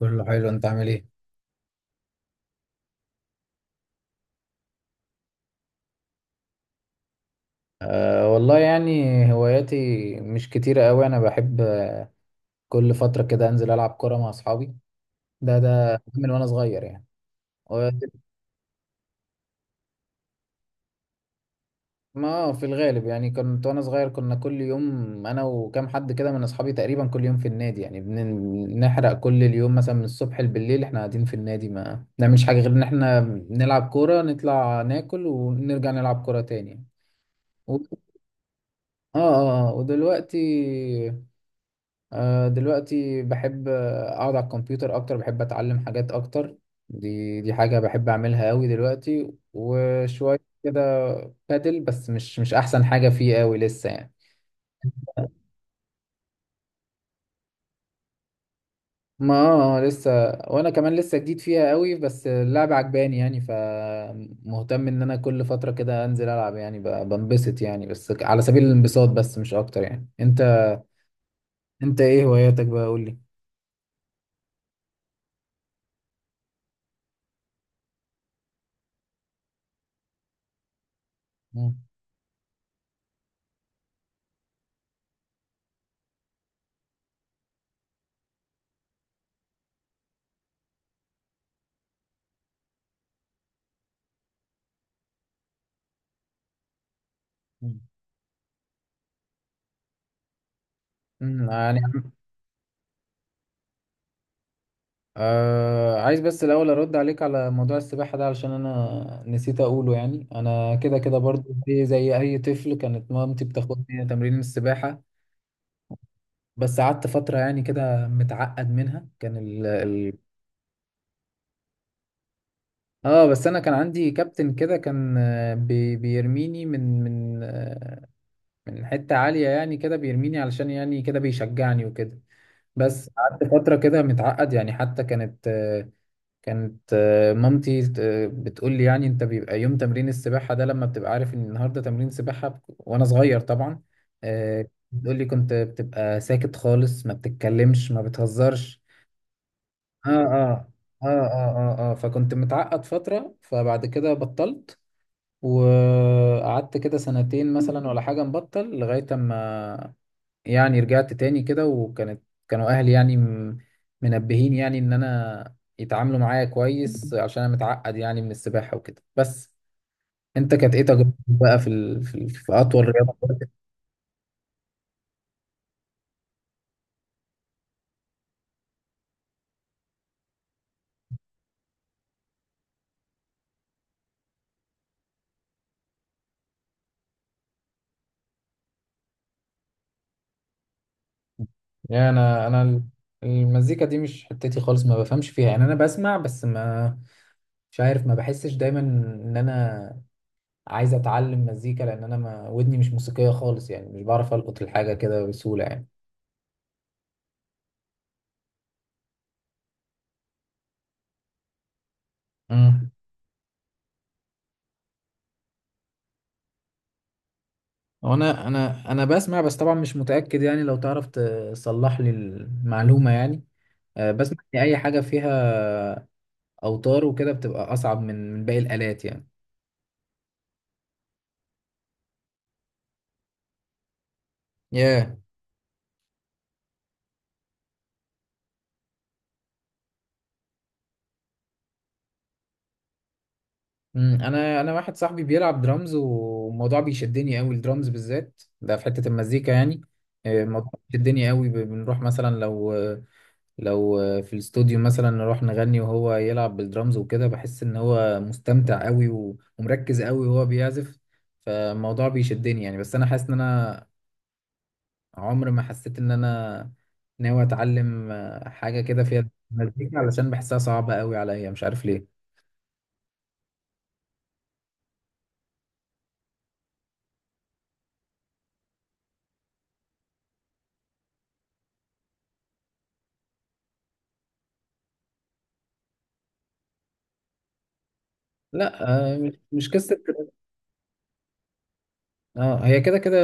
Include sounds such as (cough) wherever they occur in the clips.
كله حلو، انت عامل ايه؟ أه والله يعني، هواياتي مش كتيرة قوي. أنا بحب كل فترة كده أنزل ألعب كرة مع أصحابي. ده من وأنا صغير يعني. و- ما في الغالب يعني كنت وأنا صغير، كنا كل يوم أنا وكام حد كده من أصحابي تقريبا كل يوم في النادي، يعني بنحرق كل اليوم مثلا من الصبح لبالليل. إحنا قاعدين في النادي ما نعملش حاجة غير إن إحنا نلعب كورة، نطلع ناكل، ونرجع نلعب كورة تاني يعني. و... ودلوقتي دلوقتي بحب اقعد على الكمبيوتر اكتر، بحب اتعلم حاجات اكتر. دي حاجة بحب اعملها قوي دلوقتي وشوية كده. بادل بس مش احسن حاجة فيه قوي لسه يعني. ما لسه، وانا كمان لسه جديد فيها قوي، بس اللعبة عجباني يعني، فمهتم ان انا كل فترة كده انزل العب يعني، بنبسط يعني، بس على سبيل الانبساط بس مش اكتر يعني. انت ايه هواياتك بقى، قول لي. مم. يعني عايز بس الأول أرد عليك على موضوع السباحة ده، علشان أنا نسيت أقوله. يعني أنا كده كده برضو زي أي طفل، كانت مامتي بتاخدني تمرين السباحة. بس قعدت فترة يعني كده متعقد منها، كان ال. بس أنا كان عندي كابتن كده، كان بيرميني من من حتة عالية يعني كده، بيرميني علشان يعني كده بيشجعني وكده. بس قعدت فترة كده متعقد يعني، حتى كانت مامتي بتقول لي يعني انت بيبقى يوم تمرين السباحة ده، لما بتبقى عارف ان النهاردة تمرين سباحة وانا صغير طبعا. آه، بتقول لي كنت بتبقى ساكت خالص، ما بتتكلمش ما بتهزرش. اه، اه، اه، اه، اه، آه. فكنت متعقد فترة، فبعد كده بطلت، وقعدت كده سنتين مثلا ولا حاجة مبطل لغاية اما يعني رجعت تاني كده. وكانت كانوا اهلي يعني منبهين يعني ان انا يتعاملوا معايا كويس، عشان انا متعقد يعني من السباحة وكده. بس انت كانت ايه تجربتك بقى في في اطول رياضة؟ يعني انا المزيكا دي مش حتتي خالص، ما بفهمش فيها يعني. انا بسمع بس ما مش عارف، ما بحسش دايما ان انا عايز اتعلم مزيكا، لان انا ما ودني مش موسيقية خالص يعني، مش بعرف القط الحاجة كده بسهولة. يعني هو انا بسمع بس طبعا مش متاكد يعني، لو تعرف تصلح لي المعلومه يعني. بسمع ان اي حاجه فيها اوتار وكده بتبقى اصعب من باقي الالات يعني. ياه yeah. انا واحد صاحبي بيلعب درامز، والموضوع بيشدني قوي الدرامز بالذات ده في حته المزيكا يعني. الموضوع بيشدني قوي، بنروح مثلا لو في الاستوديو مثلا، نروح نغني وهو يلعب بالدرامز وكده، بحس ان هو مستمتع قوي ومركز قوي وهو بيعزف، فالموضوع بيشدني يعني. بس انا حاسس ان انا عمر ما حسيت ان انا ناوي اتعلم حاجة كده فيها مزيكا، علشان بحسها صعبة قوي عليا مش عارف ليه. لا، مش قصة. اه، هي كده كده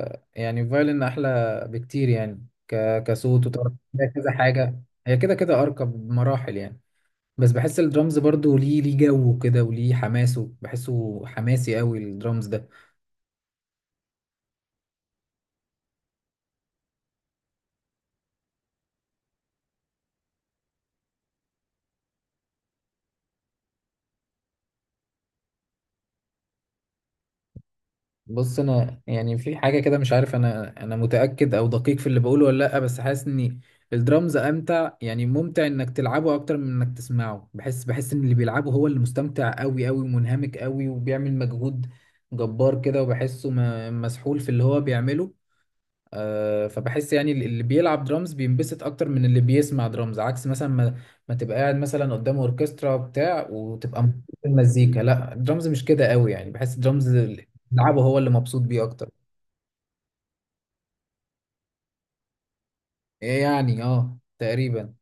يعني فايلن احلى بكتير يعني، كصوت، وتعرف فيها كذا حاجة. هي كده كده ارقى بمراحل يعني. بس بحس الدرامز برضو ليه جو كده وليه حماسه، بحسه حماسي قوي الدرامز ده. بص انا يعني في حاجه كده مش عارف، انا متاكد او دقيق في اللي بقوله ولا لا، بس حاسس ان الدرامز امتع يعني، ممتع انك تلعبه اكتر من انك تسمعه. بحس ان اللي بيلعبه هو اللي مستمتع قوي قوي ومنهمك قوي وبيعمل مجهود جبار كده، وبحسه مسحول في اللي هو بيعمله. فبحس يعني اللي بيلعب درامز بينبسط اكتر من اللي بيسمع درامز، عكس مثلا ما تبقى قاعد مثلا قدام اوركسترا بتاع وتبقى مبسوط بالمزيكا، لا درامز مش كده قوي يعني، بحس درامز اللي لعبه هو اللي مبسوط بيه اكتر. يعني اه تقريبا.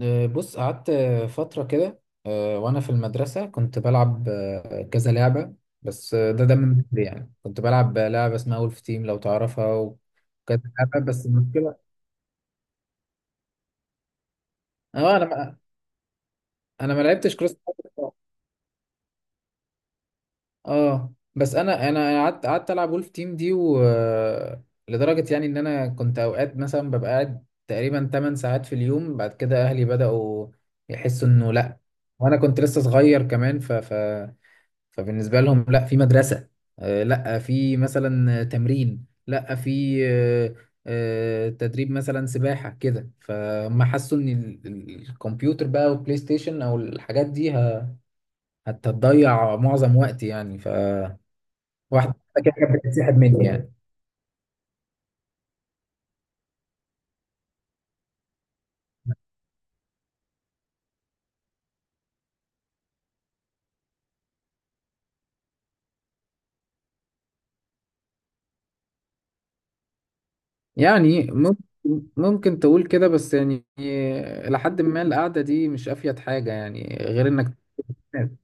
بص قعدت فترة كده وانا في المدرسة كنت بلعب كذا لعبة. بس ده من بدري يعني، كنت بلعب لعبة اسمها وولف تيم لو تعرفها وكذا لعبة، بس المشكلة. اه، انا ما لعبتش كروس. اه، بس انا انا أنا قعدت العب ولف تيم دي، لدرجه يعني ان انا كنت اوقات مثلا ببقى قاعد تقريبا 8 ساعات في اليوم. بعد كده اهلي بداوا يحسوا انه لا. وانا كنت لسه صغير كمان، فبالنسبه لهم لا في مدرسه، لا في مثلا تمرين، لا في تدريب مثلا سباحه كده. فهم حسوا ان الكمبيوتر بقى والبلاي ستيشن او الحاجات دي هتضيع معظم وقتي يعني، واحدة كده كانت بتتسحب مني يعني. يعني ممكن تقول كده، بس يعني لحد ما القعدة دي مش أفيد حاجة يعني غير إنك تتعب.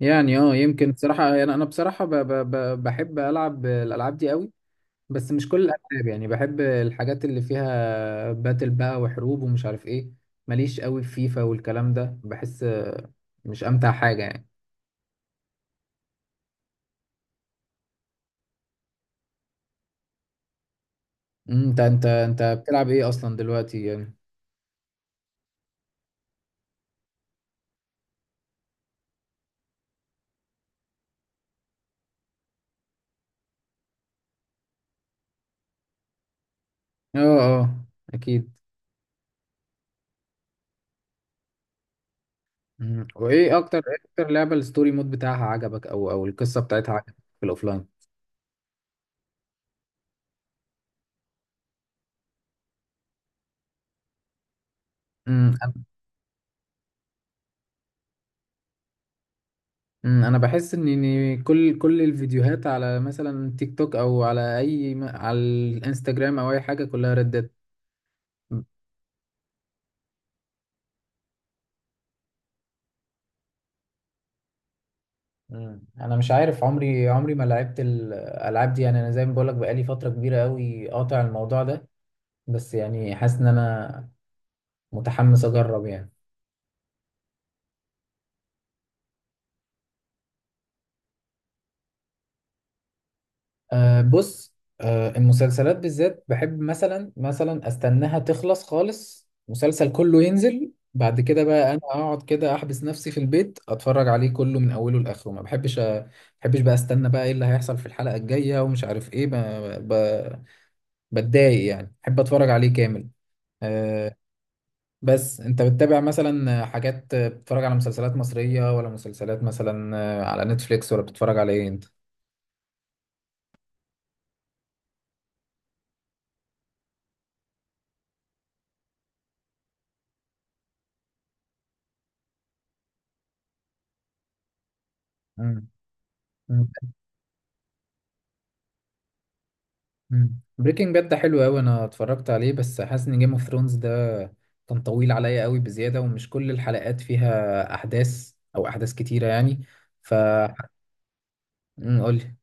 يعني اه يمكن بصراحة. يعني أنا بصراحة ب ب ب بحب ألعب الألعاب دي قوي، بس مش كل الألعاب يعني. بحب الحاجات اللي فيها باتل بقى وحروب ومش عارف إيه. ماليش قوي في فيفا والكلام ده، بحس مش أمتع حاجة يعني. أنت بتلعب إيه أصلا دلوقتي يعني؟ اه، اه. أكيد. مم. وايه اكتر إيه اكتر لعبه الستوري مود بتاعها عجبك، او القصه بتاعتها عجبك في الاوفلاين؟ انا. مم. أنا بحس إن كل الفيديوهات على مثلا تيك توك او على اي على الانستجرام او اي حاجه، كلها ردت. مم. انا مش عارف، عمري ما لعبت الالعاب دي يعني. انا زي ما بقولك بقالي فتره كبيره قوي قاطع الموضوع ده، بس يعني حاسس ان انا متحمس اجرب يعني. أه بص، أه المسلسلات بالذات بحب مثلا استناها تخلص خالص، مسلسل كله ينزل بعد كده بقى انا اقعد كده احبس نفسي في البيت اتفرج عليه كله من اوله لاخره. ما بحبش بقى استنى بقى ايه اللي هيحصل في الحلقة الجاية ومش عارف ايه، ب... بتضايق يعني، بحب اتفرج عليه كامل. أه، بس انت بتتابع مثلا حاجات، بتتفرج على مسلسلات مصرية، ولا مسلسلات مثلا على نتفليكس، ولا بتتفرج على ايه انت؟ مم. بريكنج باد ده حلو قوي، انا اتفرجت عليه. بس حاسس ان جيم اوف ثرونز ده كان طويل عليا قوي بزياده، ومش كل الحلقات فيها احداث او احداث كتيره يعني، ف (laughs) قولي.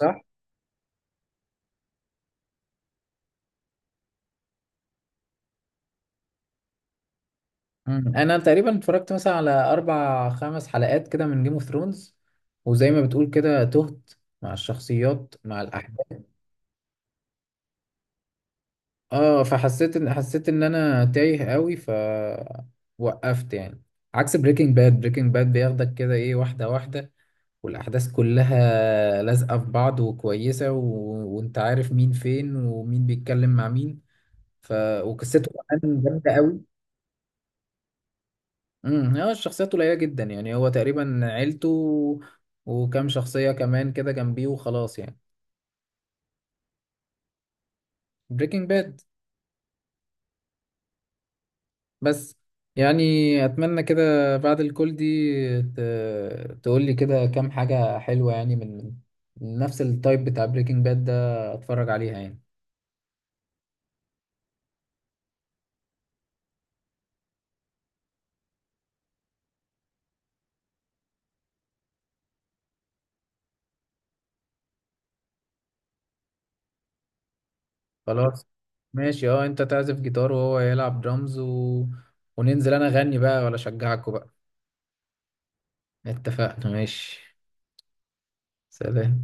صح؟ مم. انا تقريبا اتفرجت مثلا على اربع خمس حلقات كده من جيم اوف ثرونز، وزي ما بتقول كده تهت مع الشخصيات مع الاحداث. اه، فحسيت ان انا تايه قوي، وقفت يعني. عكس بريكنج باد، بريكنج باد بياخدك كده ايه واحده واحده، والأحداث كلها لازقة في بعض وكويسة، وأنت عارف مين فين ومين بيتكلم مع مين. ف... وقصته كمان جامدة قوي. هو الشخصيات قليلة جدا يعني، هو تقريبا عيلته وكام شخصية كمان كده جنبيه وخلاص يعني. بريكنج باد. بس يعني أتمنى كده بعد الكل دي ت... تقول لي كده كام حاجة حلوة يعني من نفس التايب بتاع بريكنج باد ده أتفرج عليها يعني. خلاص ماشي، اه انت تعزف جيتار وهو يلعب درامز وننزل انا اغني بقى ولا اشجعكوا بقى. اتفقنا ماشي. سلام.